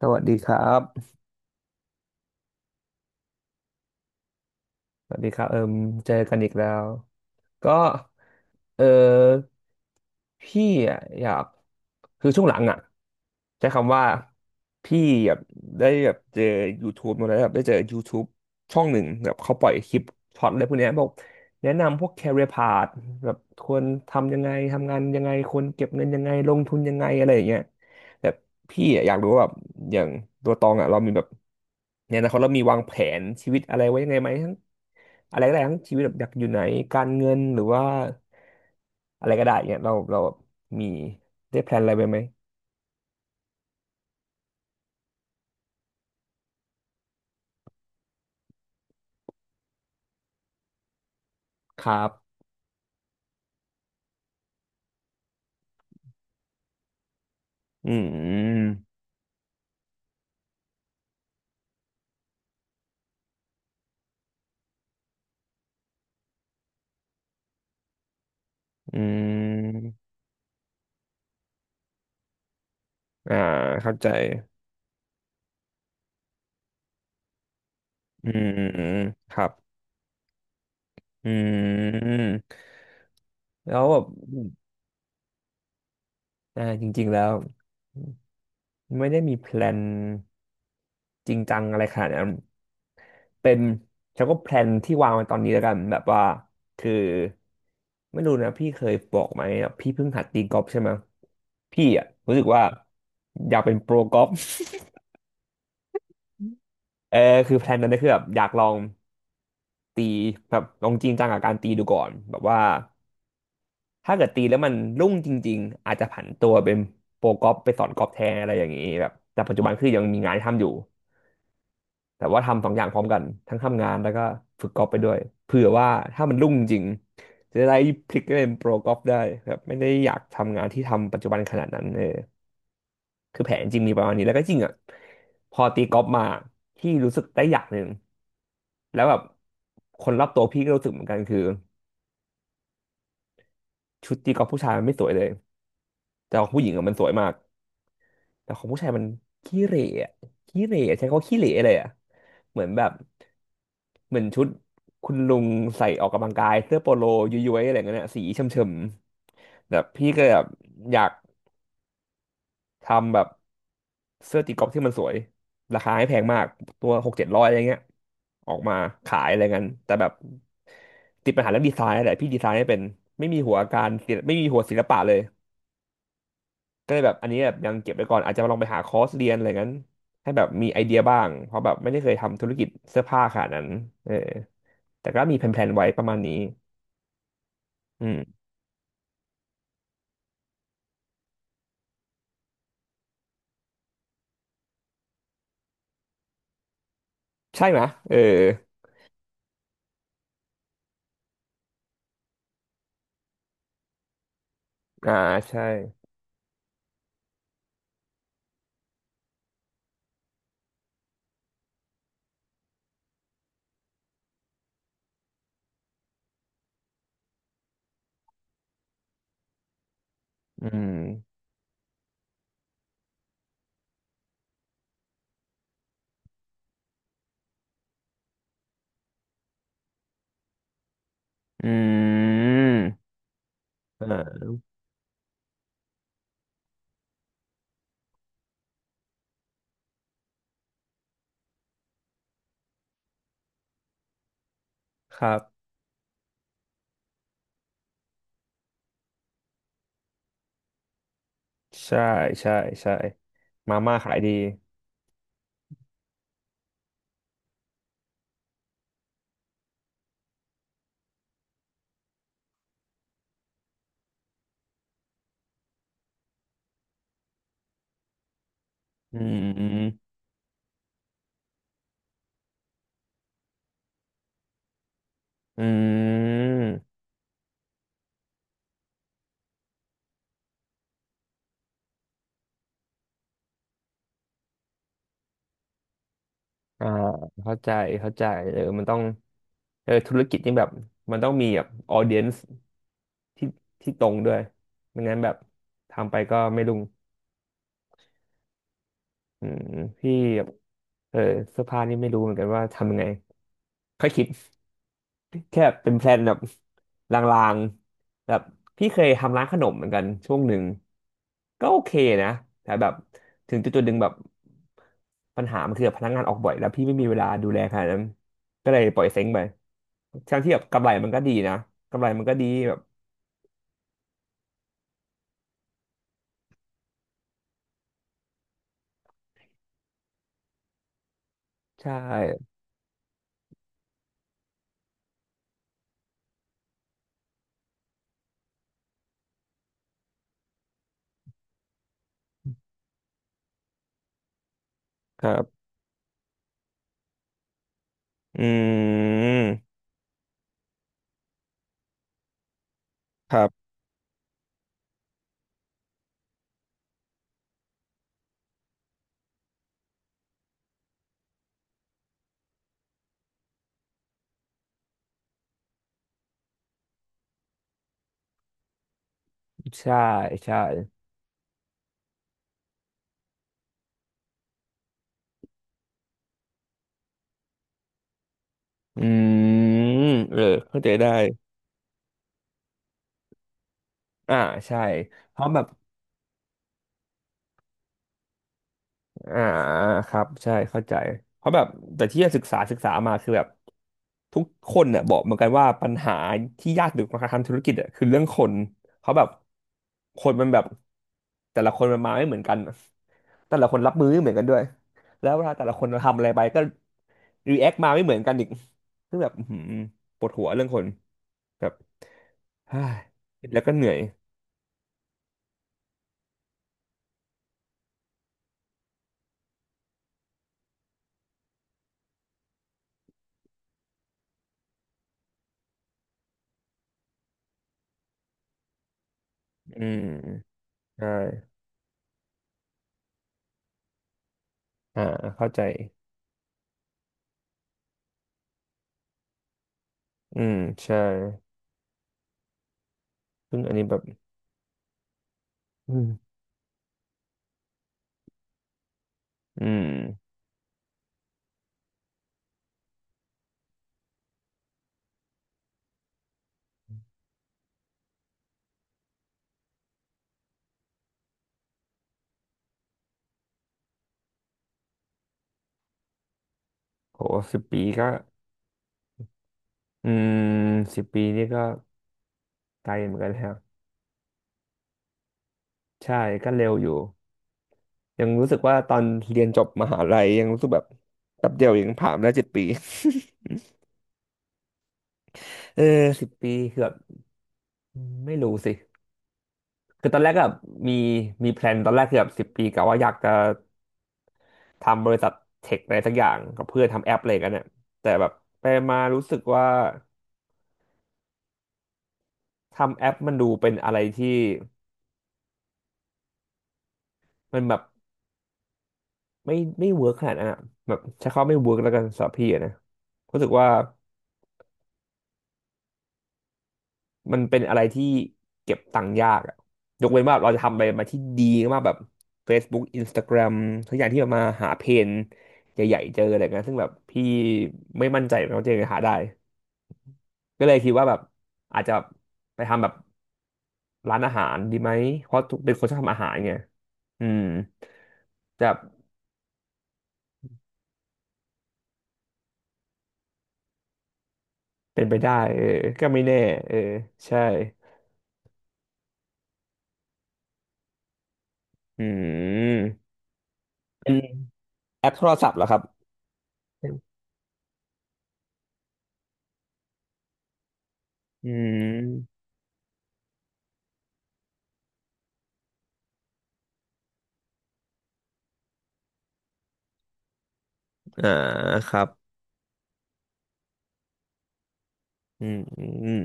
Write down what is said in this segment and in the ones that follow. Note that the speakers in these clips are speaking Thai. สวัสดีครับ สวัสดีครับเอิมเจอกันอีกแล้ว ก็ เออ พี่อยาก คือช่วงหลังอ่ะใช้คำว่า พี่แบบได้แบบเจอ YouTube มาแล้วแบบได้เจอ YouTube ช่องหนึ่งแบบเขาปล่อยคลิปช็อตอะไรพวกเนี้ยบอกแนะนำพวก career path แบบควรทำยังไงทำงานยังไงควรเก็บเงินยังไงลงทุนยังไงอะไรอย่างเงี้ย แต่พี่อะอยากรู้ว่าแบบอย่างตัวตองอ่ะเรามีแบบในอนาคตเรามีวางแผนชีวิตอะไรไว้ยังไงไหมทั้งอะไรก็ได้ทั้งชีวิตแบบอยากอยู่ไหนการเงินหรือว่าอะไรก็ได้เงี้ยเรามีได้แพลนอะไรไปไหมครับอืมอืมอ่าเข้าใจอืมครับอืมแล้วแบบอ่าจริงๆแล้วไม่ได้มีแพลนจริงจังอะไรขนาดนั้น เป็นฉันก็แพลนที่วางไว้ตอนนี้แล้วกันแบบว่าคือไม่รู้นะพี่เคยบอกไหมอะพี่เพิ่งหัดตีกอล์ฟใช่ไหมพี่อ่ะรู้สึกว่าอยากเป็นโปรกอล์ฟเออคือแพลนนั้นก็คือแบบอยากลองตีแบบลองจริงจังกับการตีดูก่อนแบบว่าถ้าเกิดตีแล้วมันรุ่งจริงๆอาจจะผันตัวเป็นโปรกอล์ฟไปสอนกอล์ฟแทนอะไรอย่างนี้แบบแต่ปัจจุบันคือยังมีงานททำอยู่ แต่ว่าทำสองอย่างพร้อมกันทั้งทำงานแล้วก็ฝึกกอล์ฟไปด้วยเผื่อว่าถ้ามันรุ่งจริงจะได้พลิกไปเป็นโปรกอล์ฟได้ครับไม่ได้อยากทำงานที่ทำปัจจุบันขนาดนั้นเออคือแผนจริงมีประมาณนี้แล้วก็จริงอ่ะพอตีกอล์ฟมาที่รู้สึกได้อย่างหนึ่งแล้วแบบคนรอบตัวพี่ก็รู้สึกเหมือนกันคือชุดตีกอล์ฟผู้ชายมันไม่สวยเลยแต่ของผู้หญิงอะมันสวยมาก แต่ของผู้ชายมันขี้เหร่อะขี้เหร่อะใช้คำว่าขี้เหร่เลยอะเหมือนแบบเหมือนชุดคุณลุงใส่ออกกำลังกายเสื้อโปโลย้วยๆอะไรเงี้ยนะสีเฉมๆแบบพี่ก็แบบอยากทำแบบเสื้อตีกอล์ฟที่มันสวยราคาไม่แพงมากตัวหกเจ็ดร้อยอะไรเงี้ยออกมาขายอะไรเงี้ยแต่แบบติดปัญหาเรื่องดีไซน์นั่นแหละพี่ดีไซน์ไม่เป็นไม่มีหัวการศิลป์ไม่มีหัวศิลปะเลย ก็เลยแบบอันนี้แบบยังเก็บไว้ก่อนอาจจะลองไปหาคอร์สเรียนอะไรงั้นให้แบบมีไอเดียบ้างเพราะแบบไม่ได้เคยทำธุรกิจเสื้อผ้าขนาดนั้นเออแต่ก็มีแผนๆไว้ประมาณนี้อืมใช่ไหมเอออ่าใช่.อืมอืมอ่าครับใช่ใช่ใช่มาม่าขายดีอืมอืมอืมอ่าเข้าใจเข้าใจเออมันต้องเออธุรกิจนี่แบบมันต้องมีแบบออเดียนซ์ ที่ที่ตรงด้วยไม่งั้นแบบทำไปก็ไม่รุ่งอืมพี่แบบเออเสื้อผ้านี่ไม่รู้เหมือนกันว่าทำยังไงค่อยคิด แค่เป็นแพลนแบบลางๆแบบพี่เคยทำร้านขนมเหมือนกันช่วงหนึ่งก็โอเคนะแต่แบบถึงจุดๆหนึ่งแบบปัญหามันคือแบบพนักงานออกบ่อยแล้วพี่ไม่มีเวลาดูแลขนาดนั้นก็เลยปล่อยเซ้งไปทั้งที่แบบกำไรมันก็ดีนะกำไรมันก็ดีแบบใช่ครับอืมครับ ใช่ใช่อืมเออเข้าใจได้อ่าใช่เพราะแบบอ่าครับใช่เข้าใจเพราะแบบแต่ที่ศึกษาศึกษามาคือแบบทุกคนเนี่ยบอกเหมือนกันว่าปัญหาที่ยากที่สุดของการทำธุรกิจอ่ะคือเรื่องคนเขาะแบบคนมันแบบแต่ละคนมันมาไม่เหมือนกันอะแต่ละคนรับมือไม่เหมือนกันด้วยแล้วเวลาแต่ละคนทำอะไรไปก็รีแอคมาไม่เหมือนกันอีกซึ่งแบบอื้อหือปวดหัวเรื่องคนแบบ แล้วก็เหนื่อย อืมใช่อ่าเข้าใจอืมใช่ซึ่งอันนี้แบบอืมอืมโหสิบปีก็อืมสิบปีนี่ก็ไกลเหมือนกันแล้วใช่ก็เร็วอยู่ ยังรู้สึกว่าตอนเรียนจบมหาลัยยังรู้สึกแบบแป๊บเดียวเองผ่านแล้ว7 ปี เออ10 ปีคือแบบไม่รู้สิคือตอนแรกก็แบบมีมีแพลนตอนแรกคือแบบสิบปีกะว่าอยากจะทำบริษัทเทคอะไรสักอย่างกับเพื่อนทำแอปอะไรกันเนี่ยแต่แบบไปมารู้สึกว่า ทำแอปมันดูเป็นอะไรที่มันแบบไม่เวิร์กขนาดนั้นอะแบบใช้คำว่าไม่เวิร์กแล้วกันสำหรับพี่อะนะรู้สึกว่ามันเป็นอะไรที่เก็บตังค์ยากอะยกเว้นว่าเราจะทำอะไรมาที่ดีมากแบบ Facebook Instagram ทุกอย่างที่มันมาหาเพนใหญ่ๆเจออะไรเงี้ยซึ่งแบบพี่ไม่มั่นใจว่าจะหาได้ก็เลยคิดว่าแบบอาจจะไปทำแบบร้านอาหารดีไหมเพราะทุกเป็นคนชอบทำอาหารไงอืมจะ เป็นไปได้เออก็ไม่แน่เออใช่อืมเป็นแอปโทรศัพท์เหรอครับอืมอ่าครับอืมอืม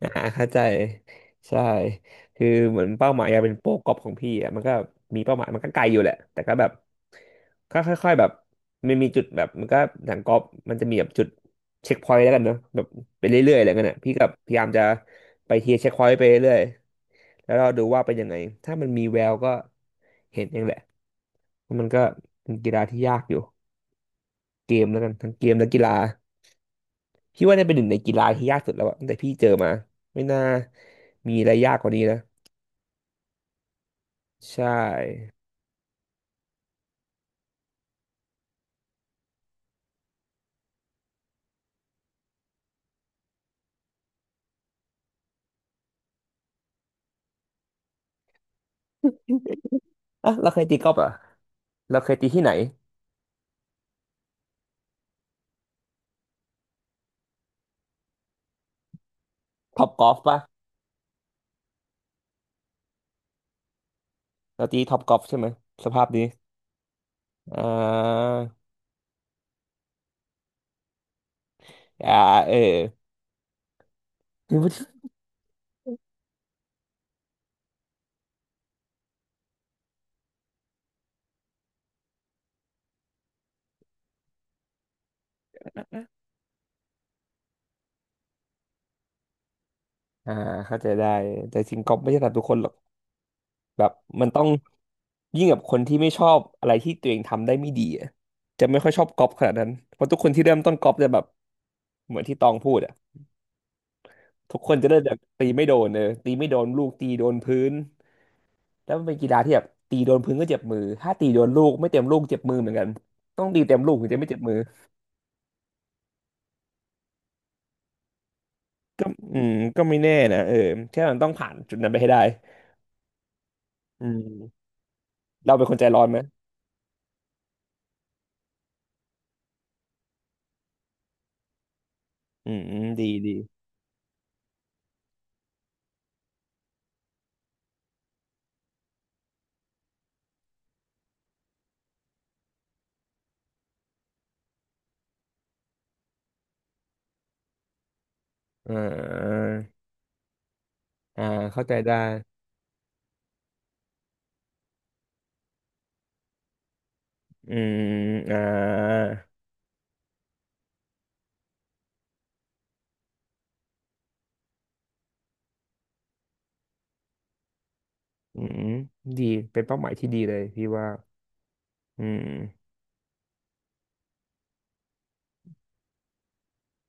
อ่าเข้าใจใช่คือเหมือนเป้าหมายอยากเป็นโปรกอล์ฟของพี่อ่ะมันก็มีเป้าหมายมันก็ไกลอยู่แหละแต่ก็แบบก็ค่อยๆแบบมันมีจุดแบบมันก็หนังกอล์ฟมันจะมีแบบจุดเช็คพอยต์แล้วกันเนอะแบบไปเรื่อยๆอะไรเงี้ยน่ะพี่กับพยายามจะไปเทียร์เช็คพอยต์ไปเรื่อย แล้วเราดูว่าเป็นยังไงถ้ามันมีแววก็เห็นเองแหละว่ามันก็เป็นกีฬาที่ยากอยู่เกมแล้วกันทั้งเกมและกีฬาพี่ว่าเนี่ยเป็นหนึ่งในกีฬาที่ยากสุดแล้วอะตั้งแต่พี่เจอมาไม่น่ามีอะไรยากกว่านี้นะใช่อ่ะเราเคยตีกอล์ฟเหรอ่ะเราเคยตีที่ไหนท็อปกอล์ฟปะเราตีท็อปกอล์ฟใช่ไหมสภาพนี้อ่าอ่าเออ อ่าเข้าใจได้แต่จริงกอล์ฟไม่ใช่สำหรับทุกคนหรอกแบบมันต้อง ยิ่งกับคนที่ไม่ชอบอะไรที่ตัวเองทำได้ไม่ดีอะจะไม่ค่อยชอบก๊อปขนาดนั้นเพราะทุกคนที่เริ่มต้นก๊อปจะแบบเหมือนที่ตองพูดอ่ะทุกคนจะเริ่มจากตีไม่โดนเออตีไม่โดนลูกตีโดนพื้นแล้วมันเป็นกีฬาที่แบบตีโดนพื้นก็เจ็บมือถ้าตีโดนลูกไม่เต็มลูกเจ็บมือเหมือนกันต้องตีเต็มลูกถึงจะไม่เจ็บมือก็อืมก็ไม่แน่นะเออแค่มันต้องผ่านจุดนั้นไปให้ได้อืมเราเป็นคนใจร้อนไหมอืมอืมดีดีอ่าอ่าเข้าใจได้อืมอ่า อืมดีเป็นเป้าหมายที่ดีเลยพี่ว่าอืม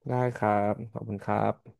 ได้ครับขอบคุณครับ